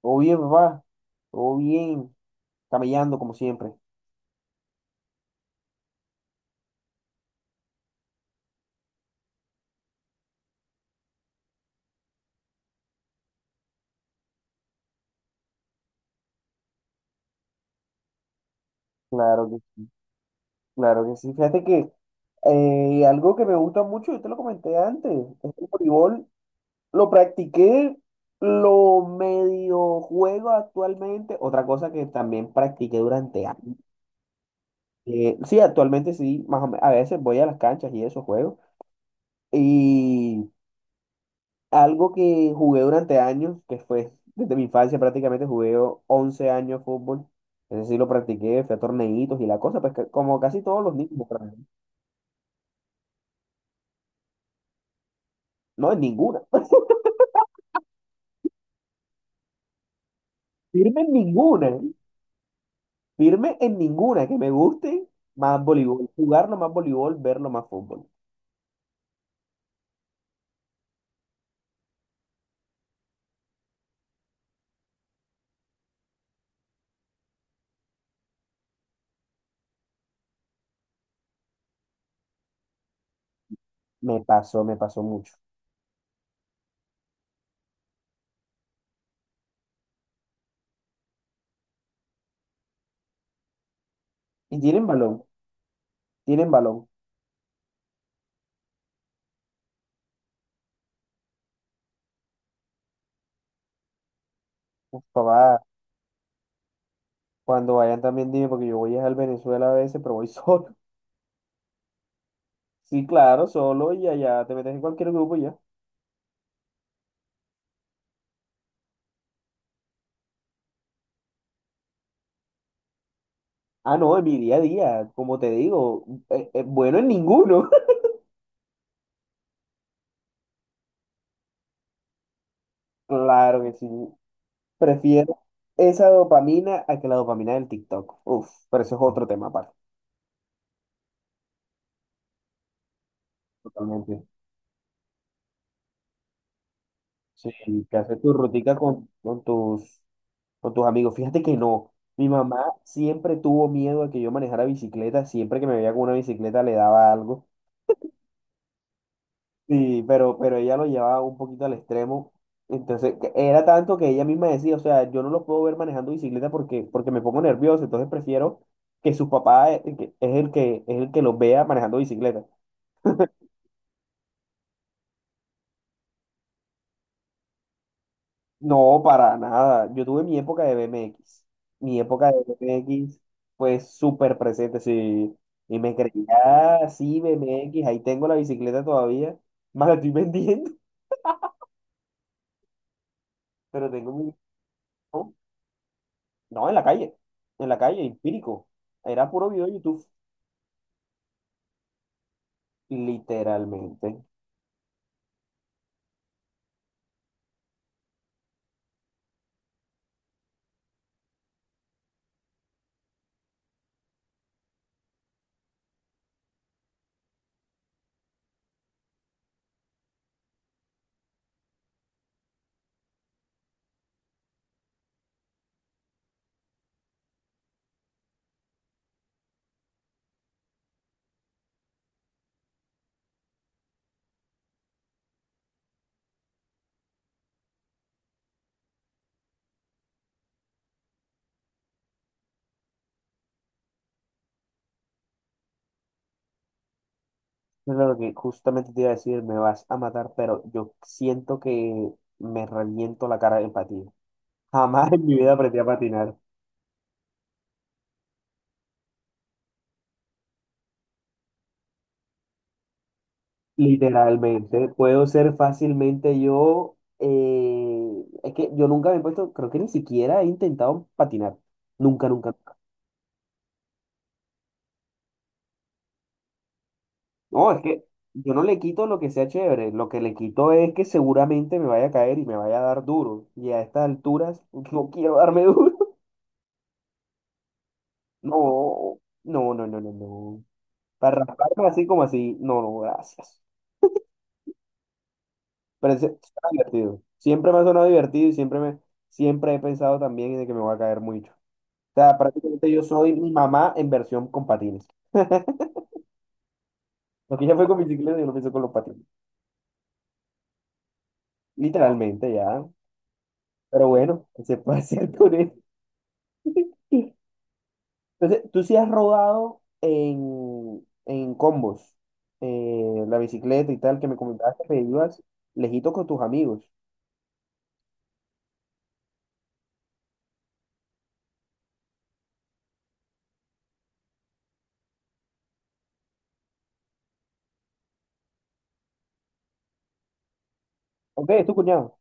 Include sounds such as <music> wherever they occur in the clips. Todo bien, papá, todo bien, camellando como siempre. Claro que sí, claro que sí. Fíjate que algo que me gusta mucho, yo te lo comenté antes, es el voleibol. Lo practiqué, lo medio juego actualmente. Otra cosa que también practiqué durante años. Sí, actualmente sí, más o a veces voy a las canchas y eso juego. Y Algo que jugué durante años, que fue desde mi infancia prácticamente, jugué 11 años fútbol. Ese sí lo practiqué, fui a torneitos y la cosa, pues como casi todos los niños, pero no en ninguna. <laughs> Firme en ninguna. Firme en ninguna. Que me guste más voleibol. Jugarlo más voleibol, verlo más fútbol. Me pasó mucho. Tienen balón, tienen balón. Uf, papá, cuando vayan también dime, porque yo voy a al Venezuela a veces, pero voy solo. <laughs> Sí, claro, solo y allá te metes en cualquier grupo y ya. Ah, no, en mi día a día, como te digo, bueno, en ninguno. <laughs> Claro que sí. Prefiero esa dopamina a que la dopamina del TikTok. Uf, pero eso es otro tema aparte. Totalmente. Sí, que haces tu rutica con tus amigos. Fíjate que no. Mi mamá siempre tuvo miedo a que yo manejara bicicleta. Siempre que me veía con una bicicleta le daba algo. Sí, pero ella lo llevaba un poquito al extremo. Entonces, que era tanto que ella misma decía, o sea, yo no lo puedo ver manejando bicicleta porque, porque me pongo nervioso, entonces prefiero que su papá es el que los vea manejando bicicleta. No, para nada. Yo tuve mi época de BMX. Mi época de BMX fue súper presente, sí. Y me creía, "Ah, sí, BMX, ahí tengo la bicicleta todavía. <laughs> Más la estoy vendiendo, <laughs> pero tengo mi... ¿no? No, en la calle, empírico. Era puro video de YouTube, literalmente. Es lo que justamente te iba a decir, me vas a matar, pero yo siento que me reviento la cara en patín. Jamás en mi vida aprendí a patinar, literalmente. Puedo ser fácilmente yo, es que yo nunca me he puesto, creo que ni siquiera he intentado patinar. Nunca, nunca. No, es que yo no le quito lo que sea chévere, lo que le quito es que seguramente me vaya a caer y me vaya a dar duro. Y a estas alturas <laughs> no quiero darme duro. <laughs> No, no, no, no, no, no. Para rasparme así como así, no, no, gracias. Pero es, suena divertido. Siempre me ha sonado divertido y siempre me, siempre he pensado también de que me voy a caer mucho. O sea, prácticamente yo soy mi mamá en versión con patines. <laughs> Lo que ella fue con bicicleta, yo lo pienso con los patines. Literalmente ya. Pero bueno, ¿qué se puede hacer con él? Entonces, tú sí has rodado en combos, la bicicleta y tal, que me comentabas que te ibas lejito con tus amigos. Ok, es tu cuñado.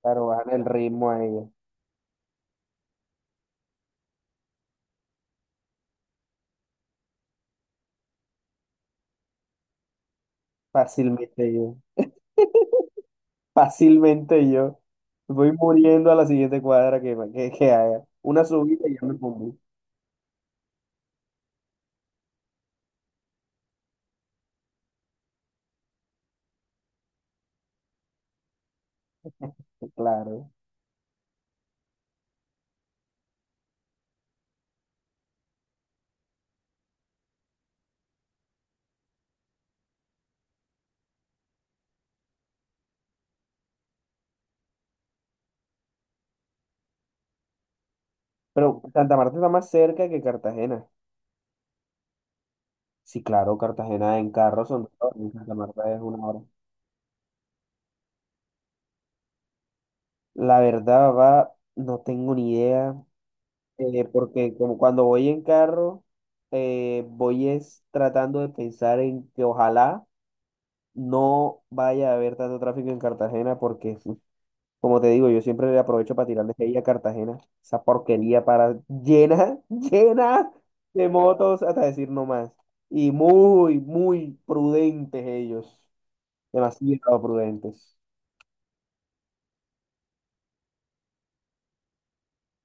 Claro, bajan el ritmo a ella. Fácilmente yo. Fácilmente yo. Voy muriendo a la siguiente cuadra que haga. Una subida y ya me pongo. Claro. Pero Santa Marta está más cerca que Cartagena. Sí, claro, Cartagena en carro son 2 horas, y Santa Marta es 1 hora. La verdad, va, no tengo ni idea. Porque como cuando voy en carro, voy es tratando de pensar en que ojalá no vaya a haber tanto tráfico en Cartagena, porque uf, como te digo, yo siempre le aprovecho para tirarle hate a Cartagena, esa porquería para llena, <laughs> llena de motos, hasta decir no más. Y muy, muy prudentes ellos, demasiado prudentes.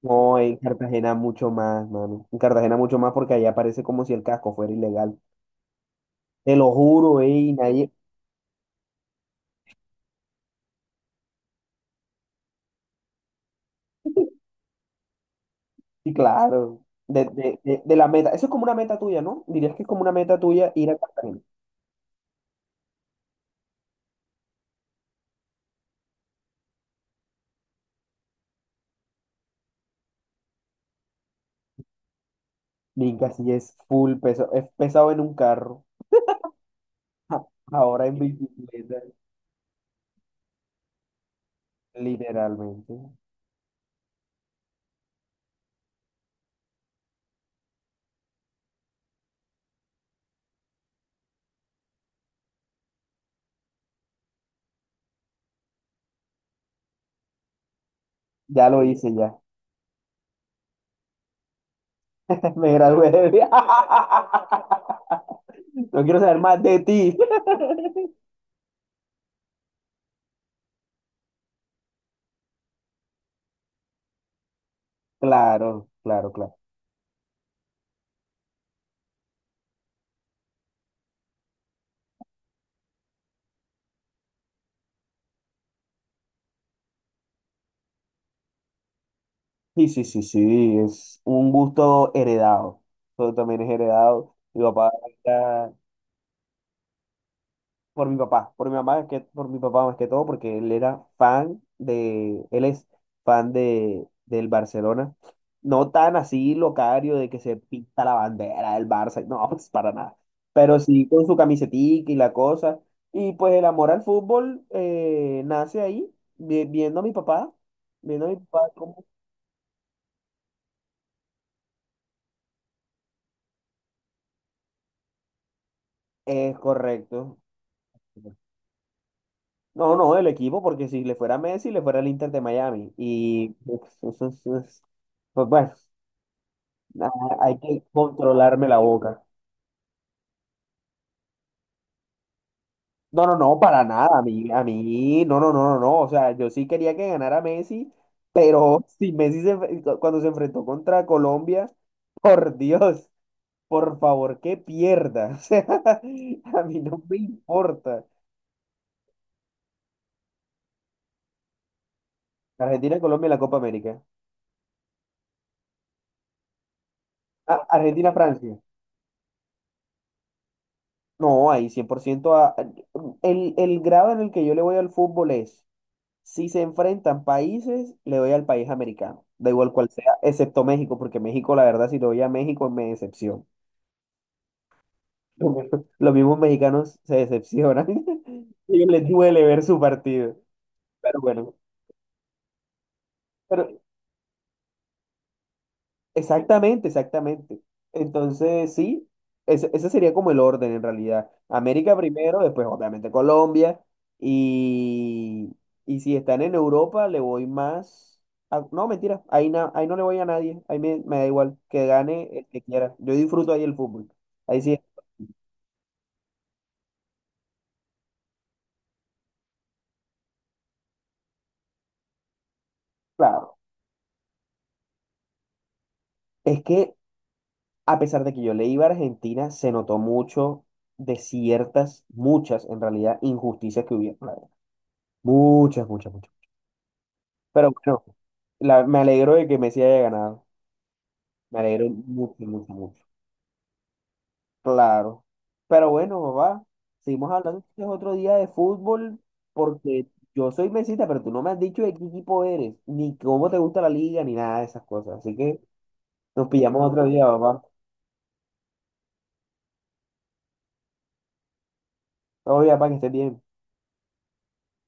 No, en Cartagena mucho más, mano. En Cartagena mucho más porque allá parece como si el casco fuera ilegal. Te lo juro, ey, nadie. Sí, claro. De la meta. Eso es como una meta tuya, ¿no? Dirías que es como una meta tuya ir a Cartagena. Minca, sí es full peso. Es pesado en un carro. <laughs> Ahora en bicicleta, literalmente. Ya lo hice, ya. <laughs> Me gradué. Viaje. <laughs> No quiero saber más de ti. <laughs> Claro, claro, claro. Sí, sí, sí, sí. Es un gusto heredado. Todo también es heredado. Mi papá. Por mi papá, por mi mamá, que por mi papá más que todo, porque él era fan de, él es fan de, del Barcelona. No tan así locario de que se pinta la bandera del Barça, <laughs> no, pues para nada. Pero sí con su camisetica y la cosa. Y pues el amor al fútbol nace ahí, viendo a mi papá, viendo a mi papá cómo es correcto. No, no, el equipo, porque si le fuera Messi, le fuera el Inter de Miami. Y <laughs> pues, pues, pues, bueno. Ah, hay que controlarme la boca. No, no, no, para nada. A mí, no, no, no, no, no. O sea, yo sí quería que ganara Messi, pero <laughs> si Messi se, cuando se enfrentó contra Colombia, <laughs> por Dios, por favor, que pierda. <laughs> O sea, a mí no me importa. Argentina, Colombia, y la Copa América. Ah, Argentina, Francia. No, ahí 100% el grado en el que yo le voy al fútbol es. Si se enfrentan países, le doy al país americano, da igual cual sea, excepto México, porque México, la verdad, si le doy a México, me decepciona. Los mismos <laughs> los mismos mexicanos se decepcionan. <laughs> Ellos les duele ver su partido. Pero bueno, pero exactamente, exactamente. Entonces, sí, ese sería como el orden en realidad. América primero, después obviamente Colombia. Y, y si están en Europa, le voy más... no, mentira, ahí, ahí no le voy a nadie, ahí me, me da igual, que gane el que quiera. Yo disfruto ahí el fútbol. Ahí sí, claro. Es que a pesar de que yo le iba a Argentina, se notó mucho de ciertas, muchas en realidad, injusticias que hubieron, la verdad. Muchas, muchas, muchas. Pero bueno, me alegro de que Messi haya ganado. Me alegro mucho, mucho, mucho. Claro. Pero bueno, papá, seguimos hablando este otro día de fútbol porque yo soy mesita, pero tú no me has dicho de qué equipo eres, ni cómo te gusta la liga, ni nada de esas cosas. Así que nos pillamos otro día, papá. Todo bien, papá, que estés bien.